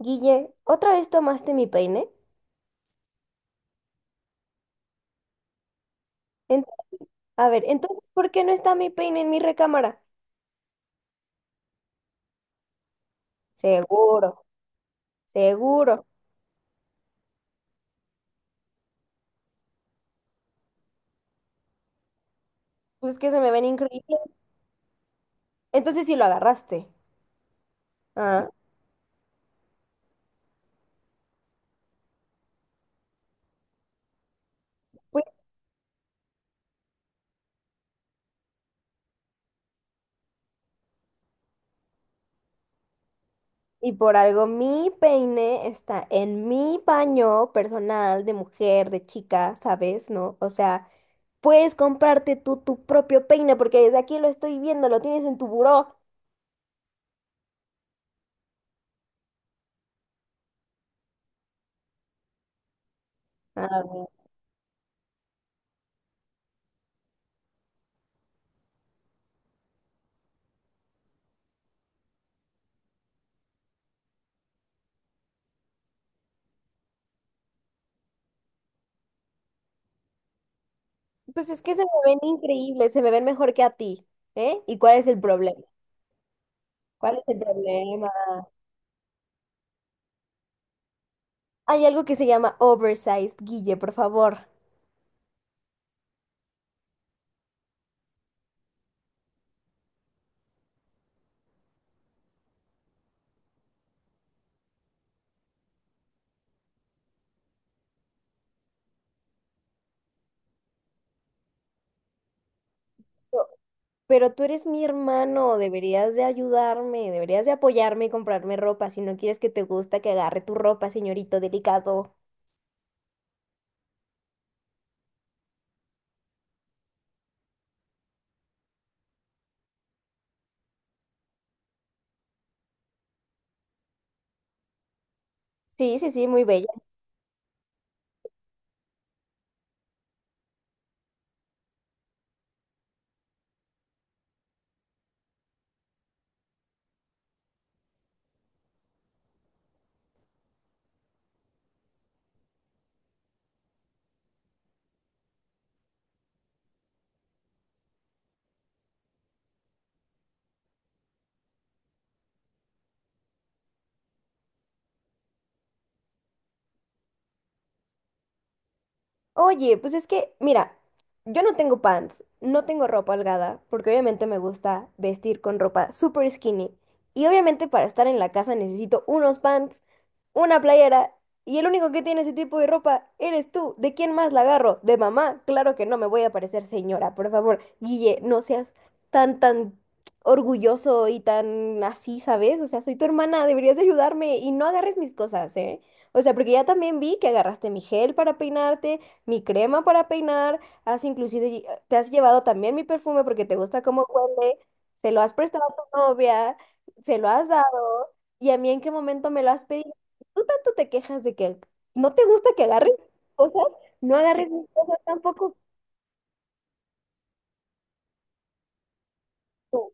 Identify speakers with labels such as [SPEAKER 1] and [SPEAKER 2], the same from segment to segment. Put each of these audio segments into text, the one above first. [SPEAKER 1] Guille, ¿otra vez tomaste mi peine? En- a ver, entonces, ¿por qué no está mi peine en mi recámara? Seguro, seguro. Pues es que se me ven increíbles. Entonces sí lo agarraste. Ah, pues, y por algo mi peine está en mi baño personal de mujer, de chica, ¿sabes? ¿No? O sea, puedes comprarte tú tu propio peine porque desde aquí lo estoy viendo, lo tienes en tu buró. Ah, pues es que se me ven increíbles, se me ven mejor que a ti, ¿eh? ¿Y cuál es el problema? ¿Cuál es el problema? Hay algo que se llama oversized, Guille, por favor. Pero pero tú eres mi hermano, deberías de ayudarme, deberías de apoyarme y comprarme ropa si no quieres que te gusta que agarre tu ropa, señorito delicado. Sí, sí, sí, muy bella. Oye, pues es que, mira, yo no tengo pants, no tengo ropa holgada, porque obviamente me gusta vestir con ropa super skinny. Y obviamente para estar en la casa necesito unos pants, una playera, y el único que tiene ese tipo de ropa eres tú. ¿De quién más la agarro? ¿De mamá? Claro que no, me voy a parecer señora, por favor. Guille, no seas tan, tan orgulloso y tan así, ¿sabes? O sea, soy tu hermana, deberías de ayudarme y no agarres mis cosas, ¿eh? O sea, porque ya también vi que agarraste mi gel para peinarte, mi crema para peinar, has inclusive, te has llevado también mi perfume porque te gusta cómo huele, se lo has prestado a tu novia, se lo has dado, y a mí en qué momento me lo has pedido. Tú tanto te quejas de que no te gusta que agarres cosas, no agarres mis cosas tampoco tú.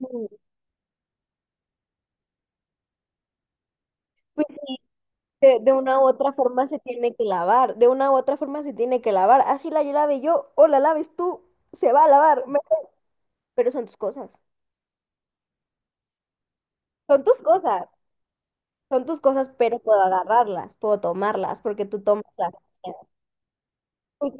[SPEAKER 1] Mm, pues, de una u otra forma se tiene que lavar, de una u otra forma se tiene que lavar, así la lave yo o la laves tú, se va a lavar, pero son tus cosas, son tus cosas. Son tus cosas, pero puedo agarrarlas, puedo tomarlas, porque tú tomas las mías. Porque,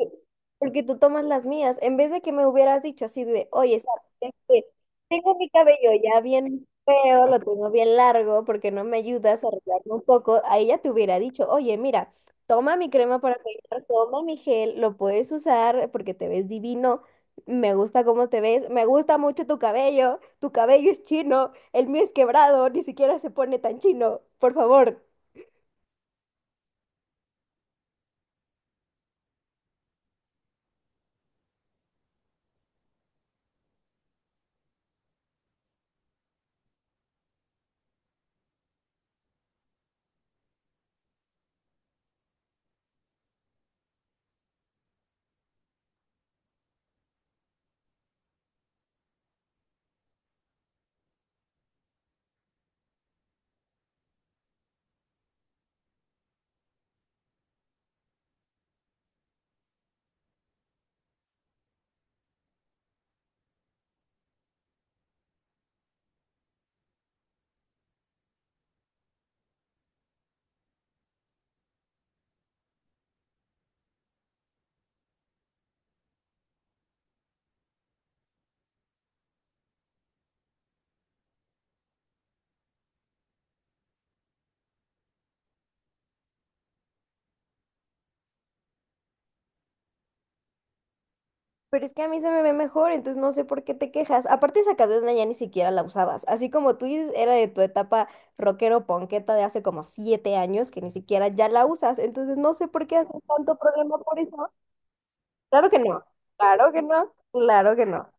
[SPEAKER 1] porque tú tomas las mías. En vez de que me hubieras dicho así de, oye, Sara, es, tengo mi cabello ya bien feo, lo tengo bien largo, porque no me ayudas a arreglarme un poco, ahí ya te hubiera dicho, oye, mira, toma mi crema para peinar, toma mi gel, lo puedes usar porque te ves divino. Me gusta cómo te ves, me gusta mucho tu cabello es chino, el mío es quebrado, ni siquiera se pone tan chino, por favor. Pero es que a mí se me ve mejor, entonces no sé por qué te quejas. Aparte, esa cadena ya ni siquiera la usabas. Así como tú dices, era de tu etapa rockero ponqueta de hace como siete años que ni siquiera ya la usas. Entonces no sé por qué haces tanto problema por eso. Claro que no, claro que no, claro que no.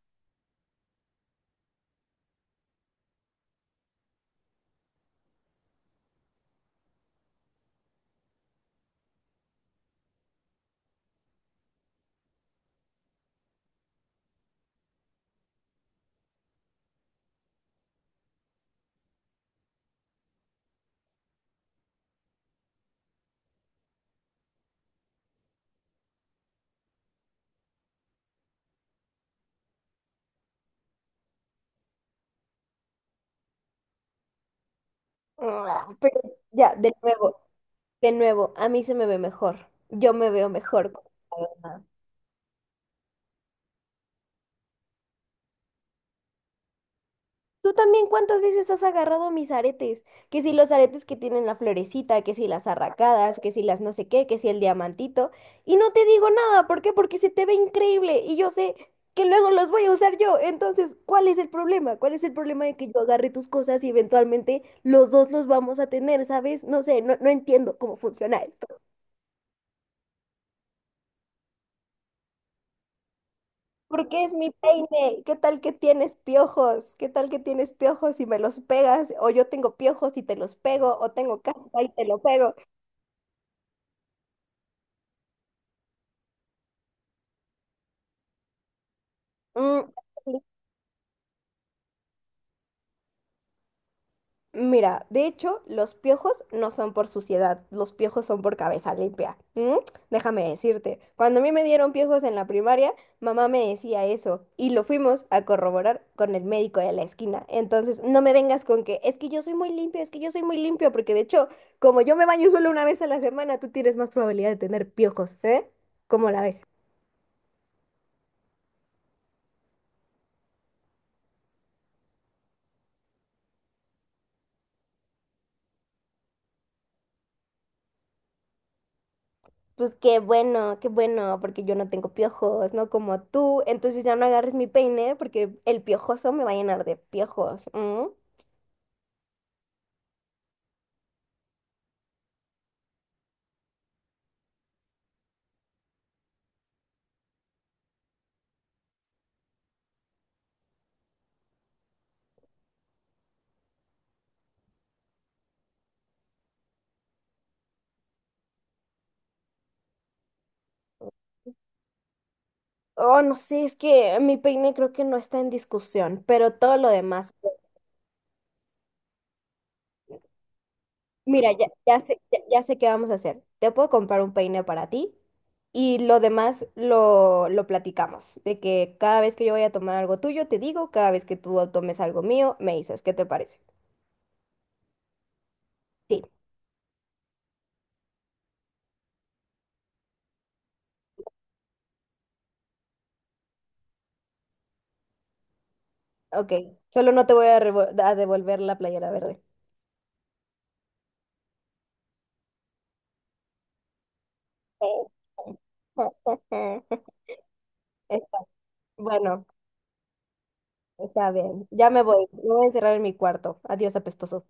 [SPEAKER 1] Ah, pero ya, de nuevo, a mí se me ve mejor. Yo me veo mejor. Tú también, ¿cuántas veces has agarrado mis aretes? Que si los aretes que tienen la florecita, que si las arracadas, que si las no sé qué, que si el diamantito. Y no te digo nada, ¿por qué? Porque se te ve increíble y yo sé que luego los voy a usar yo. Entonces, ¿cuál es el problema? ¿Cuál es el problema de que yo agarre tus cosas y eventualmente los dos los vamos a tener, ¿sabes? No sé, no, no entiendo cómo funciona esto. Porque es mi peine. ¿Qué tal que tienes piojos? ¿Qué tal que tienes piojos y me los pegas? O yo tengo piojos y te los pego, o tengo caspa y te lo pego. Mm. Mira, de hecho, los piojos no son por suciedad, los piojos son por cabeza limpia. ¿Mm? Déjame decirte, cuando a mí me dieron piojos en la primaria, mamá me decía eso y lo fuimos a corroborar con el médico de la esquina. Entonces, no me vengas con que es que yo soy muy limpio, es que yo soy muy limpio, porque de hecho, como yo me baño solo una vez a la semana, tú tienes más probabilidad de tener piojos, ¿eh? ¿Cómo la ves? Pues qué bueno, porque yo no tengo piojos, no como tú. Entonces ya no agarres mi peine porque el piojoso me va a llenar de piojos. ¿M? Oh, no sé, es que mi peine creo que no está en discusión, pero todo lo demás. Pues, mira, ya, ya sé qué vamos a hacer. Te puedo comprar un peine para ti y lo demás lo platicamos. De que cada vez que yo vaya a tomar algo tuyo, te digo, cada vez que tú tomes algo mío, me dices, ¿qué te parece? Sí, ok. Solo no te voy a devolver la playera verde. Está- Bueno, está bien. Ya me voy. Me voy a encerrar en mi cuarto. Adiós, apestoso.